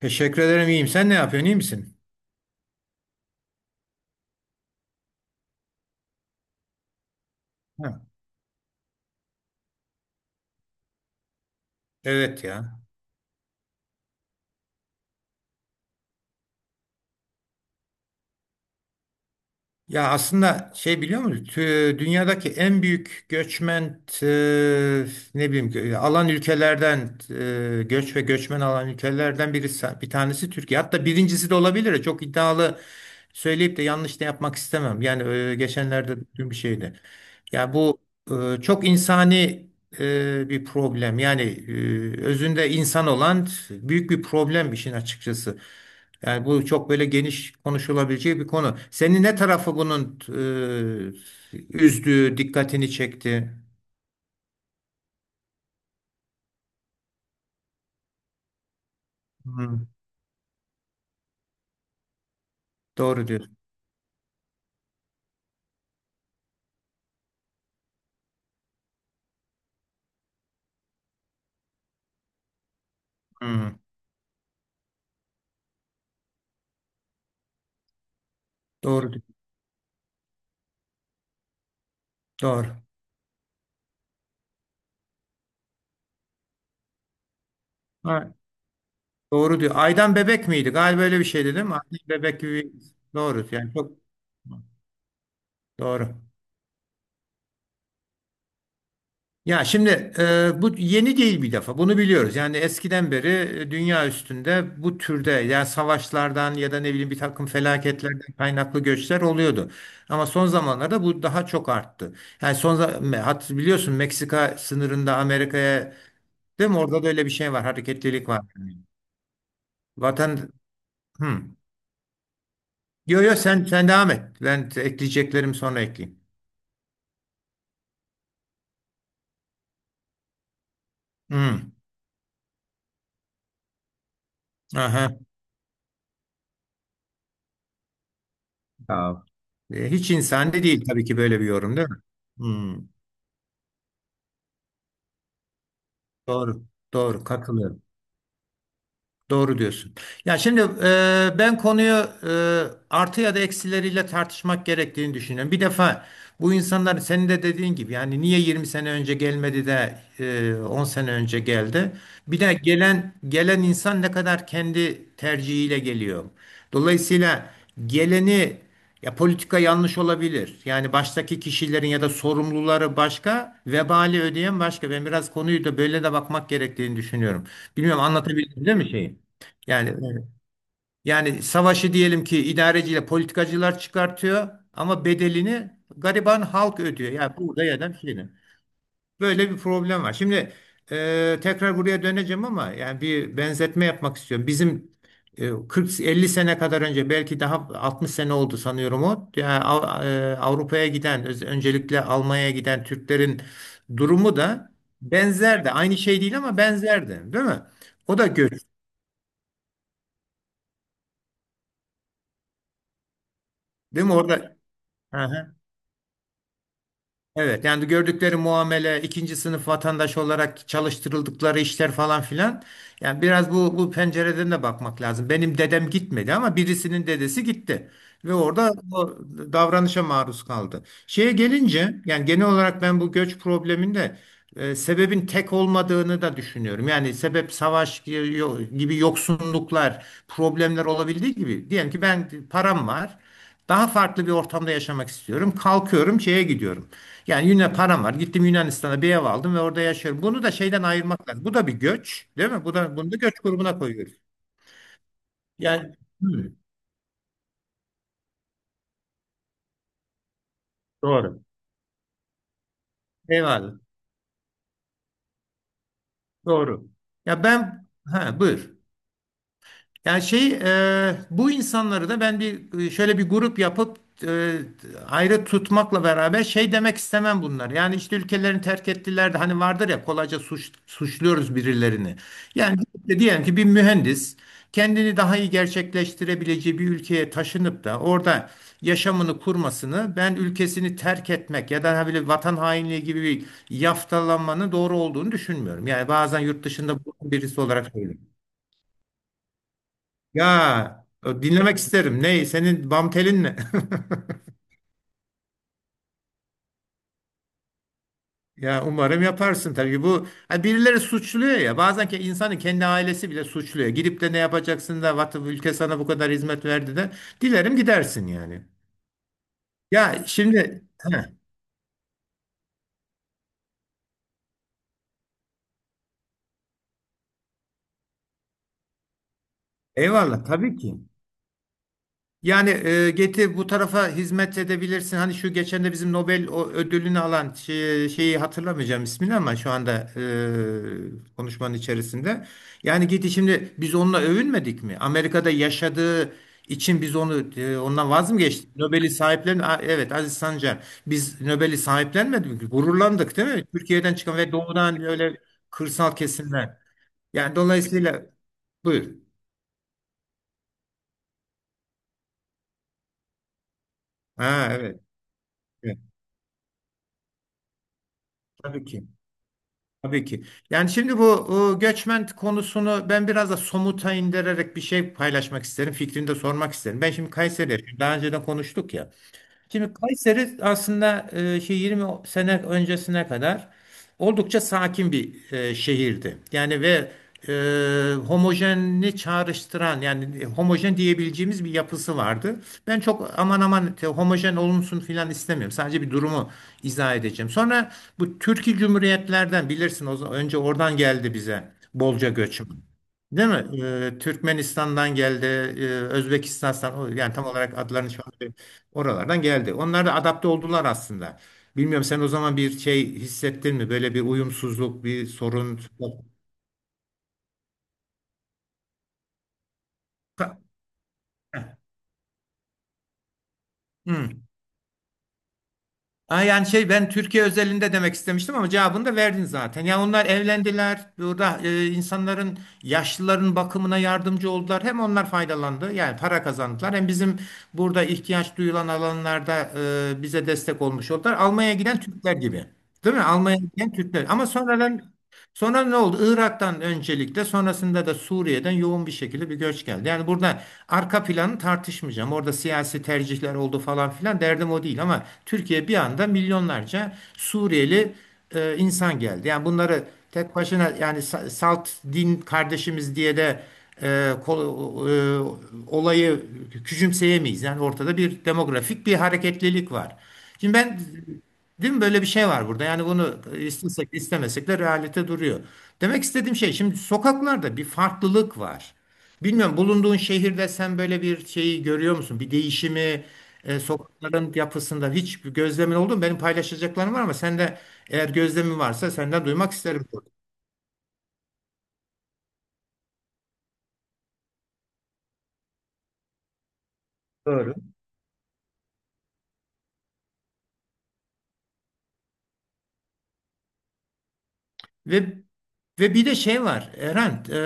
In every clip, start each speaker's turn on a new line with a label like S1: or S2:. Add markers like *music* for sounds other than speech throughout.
S1: Teşekkür ederim iyiyim. Sen ne yapıyorsun iyi misin? Ha, evet ya. Ya aslında şey biliyor musun? Dünyadaki en büyük göçmen e, ne bileyim alan ülkelerden göç ve göçmen alan ülkelerden birisi bir tanesi Türkiye. Hatta birincisi de olabilir. Çok iddialı söyleyip de yanlış da yapmak istemem. Yani geçenlerde dün bir şeydi. Ya bu çok insani bir problem. Yani özünde insan olan büyük bir problem işin açıkçası. Yani bu çok böyle geniş konuşulabileceği bir konu. Seni ne tarafı bunun üzdü, dikkatini çekti? Hmm, doğru diyorsun. Hmm, doğru diyor. Doğru. Ha, doğru diyor. Aydan bebek miydi? Galiba öyle bir şeydi değil mi? Aydan bebek gibi. Doğru. Yani çok doğru. Ya şimdi bu yeni değil bir defa. Bunu biliyoruz. Yani eskiden beri dünya üstünde bu türde yani savaşlardan ya da ne bileyim bir takım felaketlerden kaynaklı göçler oluyordu. Ama son zamanlarda bu daha çok arttı. Yani son za- hat biliyorsun Meksika sınırında Amerika'ya değil mi? Orada da öyle bir şey var. Hareketlilik var. Vatan, hmm. Yo yo, sen devam et. Ben ekleyeceklerim sonra ekleyeyim. Hmm. Aha. Ya, hiç insani değil tabii ki böyle bir yorum değil mi? Hmm. Doğru. Doğru. Katılıyorum. Doğru diyorsun. Ya şimdi ben konuyu e, artı ya da eksileriyle tartışmak gerektiğini düşünüyorum. Bir defa bu insanlar senin de dediğin gibi yani niye 20 sene önce gelmedi de 10 sene önce geldi? Bir de gelen gelen insan ne kadar kendi tercihiyle geliyor. Dolayısıyla geleni ya politika yanlış olabilir. Yani baştaki kişilerin ya da sorumluları başka, vebali ödeyen başka. Ben biraz konuyu da böyle de bakmak gerektiğini düşünüyorum. Bilmiyorum anlatabildim değil mi şeyi? Yani, evet. Yani savaşı diyelim ki idareciyle politikacılar çıkartıyor ama bedelini gariban halk ödüyor. Yani burada ya da bir şeyde. Böyle bir problem var. Şimdi tekrar buraya döneceğim ama yani bir benzetme yapmak istiyorum. Bizim 40-50 sene kadar önce belki daha 60 sene oldu sanıyorum o. Yani Avrupa'ya giden öncelikle Almanya'ya giden Türklerin durumu da benzerdi. Aynı şey değil ama benzerdi, değil mi? O da göç, değil mi? Orada. Aha. Evet, yani gördükleri muamele, ikinci sınıf vatandaş olarak çalıştırıldıkları işler falan filan. Yani biraz bu pencereden de bakmak lazım. Benim dedem gitmedi ama birisinin dedesi gitti ve orada o davranışa maruz kaldı. Şeye gelince yani genel olarak ben bu göç probleminde sebebin tek olmadığını da düşünüyorum. Yani sebep savaş gibi yoksunluklar, problemler olabildiği gibi diyelim ki ben param var. Daha farklı bir ortamda yaşamak istiyorum. Kalkıyorum, şeye gidiyorum. Yani Yunan param var. Gittim Yunanistan'a bir ev aldım ve orada yaşıyorum. Bunu da şeyden ayırmak lazım. Bu da bir göç, değil mi? Bu da bunu da göç grubuna koyuyoruz. Yani, hı, doğru. Eyvallah. Doğru. Ya ben, ha, buyur. Yani şey bu insanları da ben bir şöyle bir grup yapıp e, ayrı tutmakla beraber şey demek istemem bunlar. Yani işte ülkelerini terk ettiler de hani vardır ya kolayca suçluyoruz birilerini. Yani işte diyelim ki bir mühendis kendini daha iyi gerçekleştirebileceği bir ülkeye taşınıp da orada yaşamını kurmasını ben ülkesini terk etmek ya da hani böyle vatan hainliği gibi bir yaftalanmanın doğru olduğunu düşünmüyorum. Yani bazen yurt dışında bulunan birisi olarak söylüyorum. Ya dinlemek isterim. Ne? Senin bam telin ne? *laughs* Ya umarım yaparsın tabii, bu ha, birileri suçluyor ya bazen ki insanın kendi ailesi bile suçluyor. Gidip de ne yapacaksın da vatı ülke sana bu kadar hizmet verdi de dilerim gidersin yani. Ya şimdi, heh, eyvallah tabii ki. Yani getir bu tarafa hizmet edebilirsin. Hani şu geçen de bizim Nobel o ödülünü alan şeyi hatırlamayacağım ismini ama şu anda konuşmanın içerisinde. Yani git şimdi biz onunla övünmedik mi? Amerika'da yaşadığı için biz onu ondan vaz mı geçtik? Nobel'i evet, Aziz Sancar. Biz Nobel'i sahiplenmedik mi? Gururlandık değil mi? Türkiye'den çıkan ve doğudan, öyle kırsal kesimler. Yani dolayısıyla, buyur. Ha, evet. Evet. Tabii ki. Tabii ki. Yani şimdi bu göçmen konusunu ben biraz da somuta indirerek bir şey paylaşmak isterim. Fikrini de sormak isterim. Ben şimdi Kayseri'de, daha önceden konuştuk ya. Şimdi Kayseri aslında 20 sene öncesine kadar oldukça sakin bir şehirdi. Yani ve homojenini çağrıştıran yani homojen diyebileceğimiz bir yapısı vardı. Ben çok aman aman homojen olunsun filan istemiyorum. Sadece bir durumu izah edeceğim. Sonra bu Türkiye Cumhuriyetlerden, bilirsin o zaman, önce oradan geldi bize bolca göçmen. Değil mi? Türkmenistan'dan geldi, Özbekistan'dan yani tam olarak adlarını şu an oralardan geldi. Onlar da adapte oldular aslında. Bilmiyorum sen o zaman bir şey hissettin mi? Böyle bir uyumsuzluk, bir sorun. Ka- Hı. Ha, yani şey, ben Türkiye özelinde demek istemiştim ama cevabını da verdin zaten. Yani onlar evlendiler. Burada insanların, yaşlıların bakımına yardımcı oldular. Hem onlar faydalandı. Yani para kazandılar. Hem bizim burada ihtiyaç duyulan alanlarda bize destek olmuş oldular. Almanya'ya giden Türkler gibi. Değil mi? Almanya'ya giden Türkler. Ama sonradan. Sonra ne oldu? Irak'tan öncelikle, sonrasında da Suriye'den yoğun bir şekilde bir göç geldi. Yani burada arka planı tartışmayacağım. Orada siyasi tercihler oldu falan filan, derdim o değil, ama Türkiye bir anda milyonlarca Suriyeli insan geldi. Yani bunları tek başına yani salt din kardeşimiz diye de e, kol- e, olayı küçümseyemeyiz. Yani ortada bir demografik bir hareketlilik var. Şimdi ben, değil mi, böyle bir şey var burada. Yani bunu istesek istemesek de realite duruyor. Demek istediğim şey, şimdi sokaklarda bir farklılık var. Bilmiyorum bulunduğun şehirde sen böyle bir şeyi görüyor musun? Bir değişimi sokakların yapısında hiç bir gözlemin oldu mu? Benim paylaşacaklarım var ama sen de eğer gözlemin varsa senden duymak isterim. Doğru. Ve ve bir de şey var Erhan,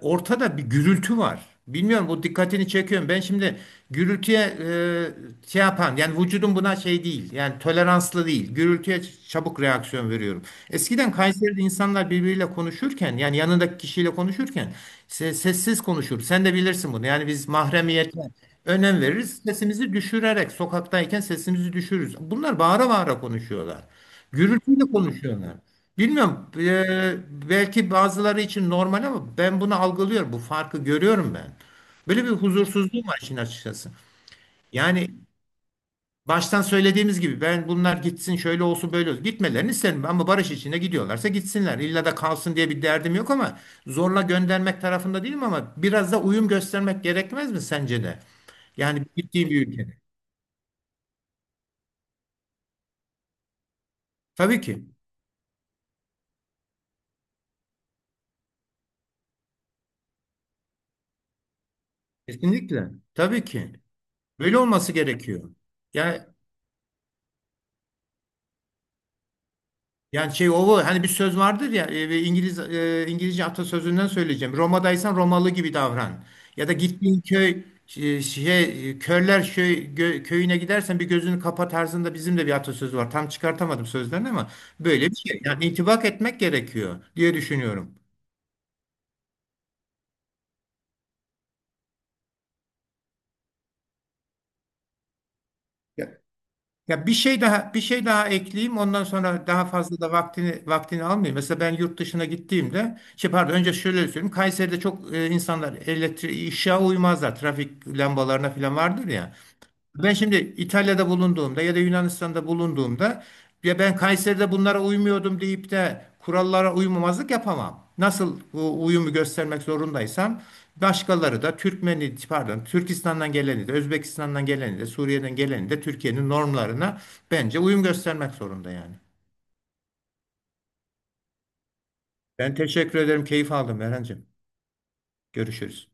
S1: ortada bir gürültü var. Bilmiyorum bu dikkatini çekiyorum. Ben şimdi gürültüye şey yapan, yani vücudum buna şey değil yani toleranslı değil. Gürültüye çabuk reaksiyon veriyorum. Eskiden Kayseri'de insanlar birbiriyle konuşurken, yani yanındaki kişiyle konuşurken sessiz konuşur. Sen de bilirsin bunu. Yani biz mahremiyete önem veririz. Sesimizi düşürerek, sokaktayken sesimizi düşürürüz. Bunlar bağıra bağıra konuşuyorlar. Gürültüyle konuşuyorlar. Bilmiyorum. Belki bazıları için normal ama ben bunu algılıyorum. Bu farkı görüyorum ben. Böyle bir huzursuzluğum var işin açıkçası. Yani baştan söylediğimiz gibi, ben bunlar gitsin şöyle olsun böyle olsun. Gitmelerini isterim ama barış içinde gidiyorlarsa gitsinler. İlla da kalsın diye bir derdim yok ama zorla göndermek tarafında değilim, ama biraz da uyum göstermek gerekmez mi sence de? Yani gittiği bir ülkede. Tabii ki. Kesinlikle. Tabii ki. Böyle olması gerekiyor. Yani Yani şey o bu. Hani bir söz vardır ya, ve İngilizce atasözünden söyleyeceğim. Roma'daysan Romalı gibi davran. Ya da gittiğin köy e, şey e, körler köyüne gidersen bir gözünü kapa tarzında bizim de bir atasözü var. Tam çıkartamadım sözlerini ama böyle bir şey. Yani intibak etmek gerekiyor diye düşünüyorum. Ya bir şey daha ekleyeyim. Ondan sonra daha fazla da vaktini almayayım. Mesela ben yurt dışına gittiğimde, şey pardon, önce şöyle söyleyeyim. Kayseri'de çok insanlar elektrik ışığa uymazlar. Trafik lambalarına falan vardır ya. Ben şimdi İtalya'da bulunduğumda ya da Yunanistan'da bulunduğumda, ya ben Kayseri'de bunlara uymuyordum deyip de kurallara uymamazlık yapamam. Nasıl bu uyumu göstermek zorundaysam, başkaları da Türkmeni, pardon, Türkistan'dan geleni de, Özbekistan'dan geleni de, Suriye'den geleni de Türkiye'nin normlarına bence uyum göstermek zorunda yani. Ben teşekkür ederim. Keyif aldım Erhancığım. Görüşürüz.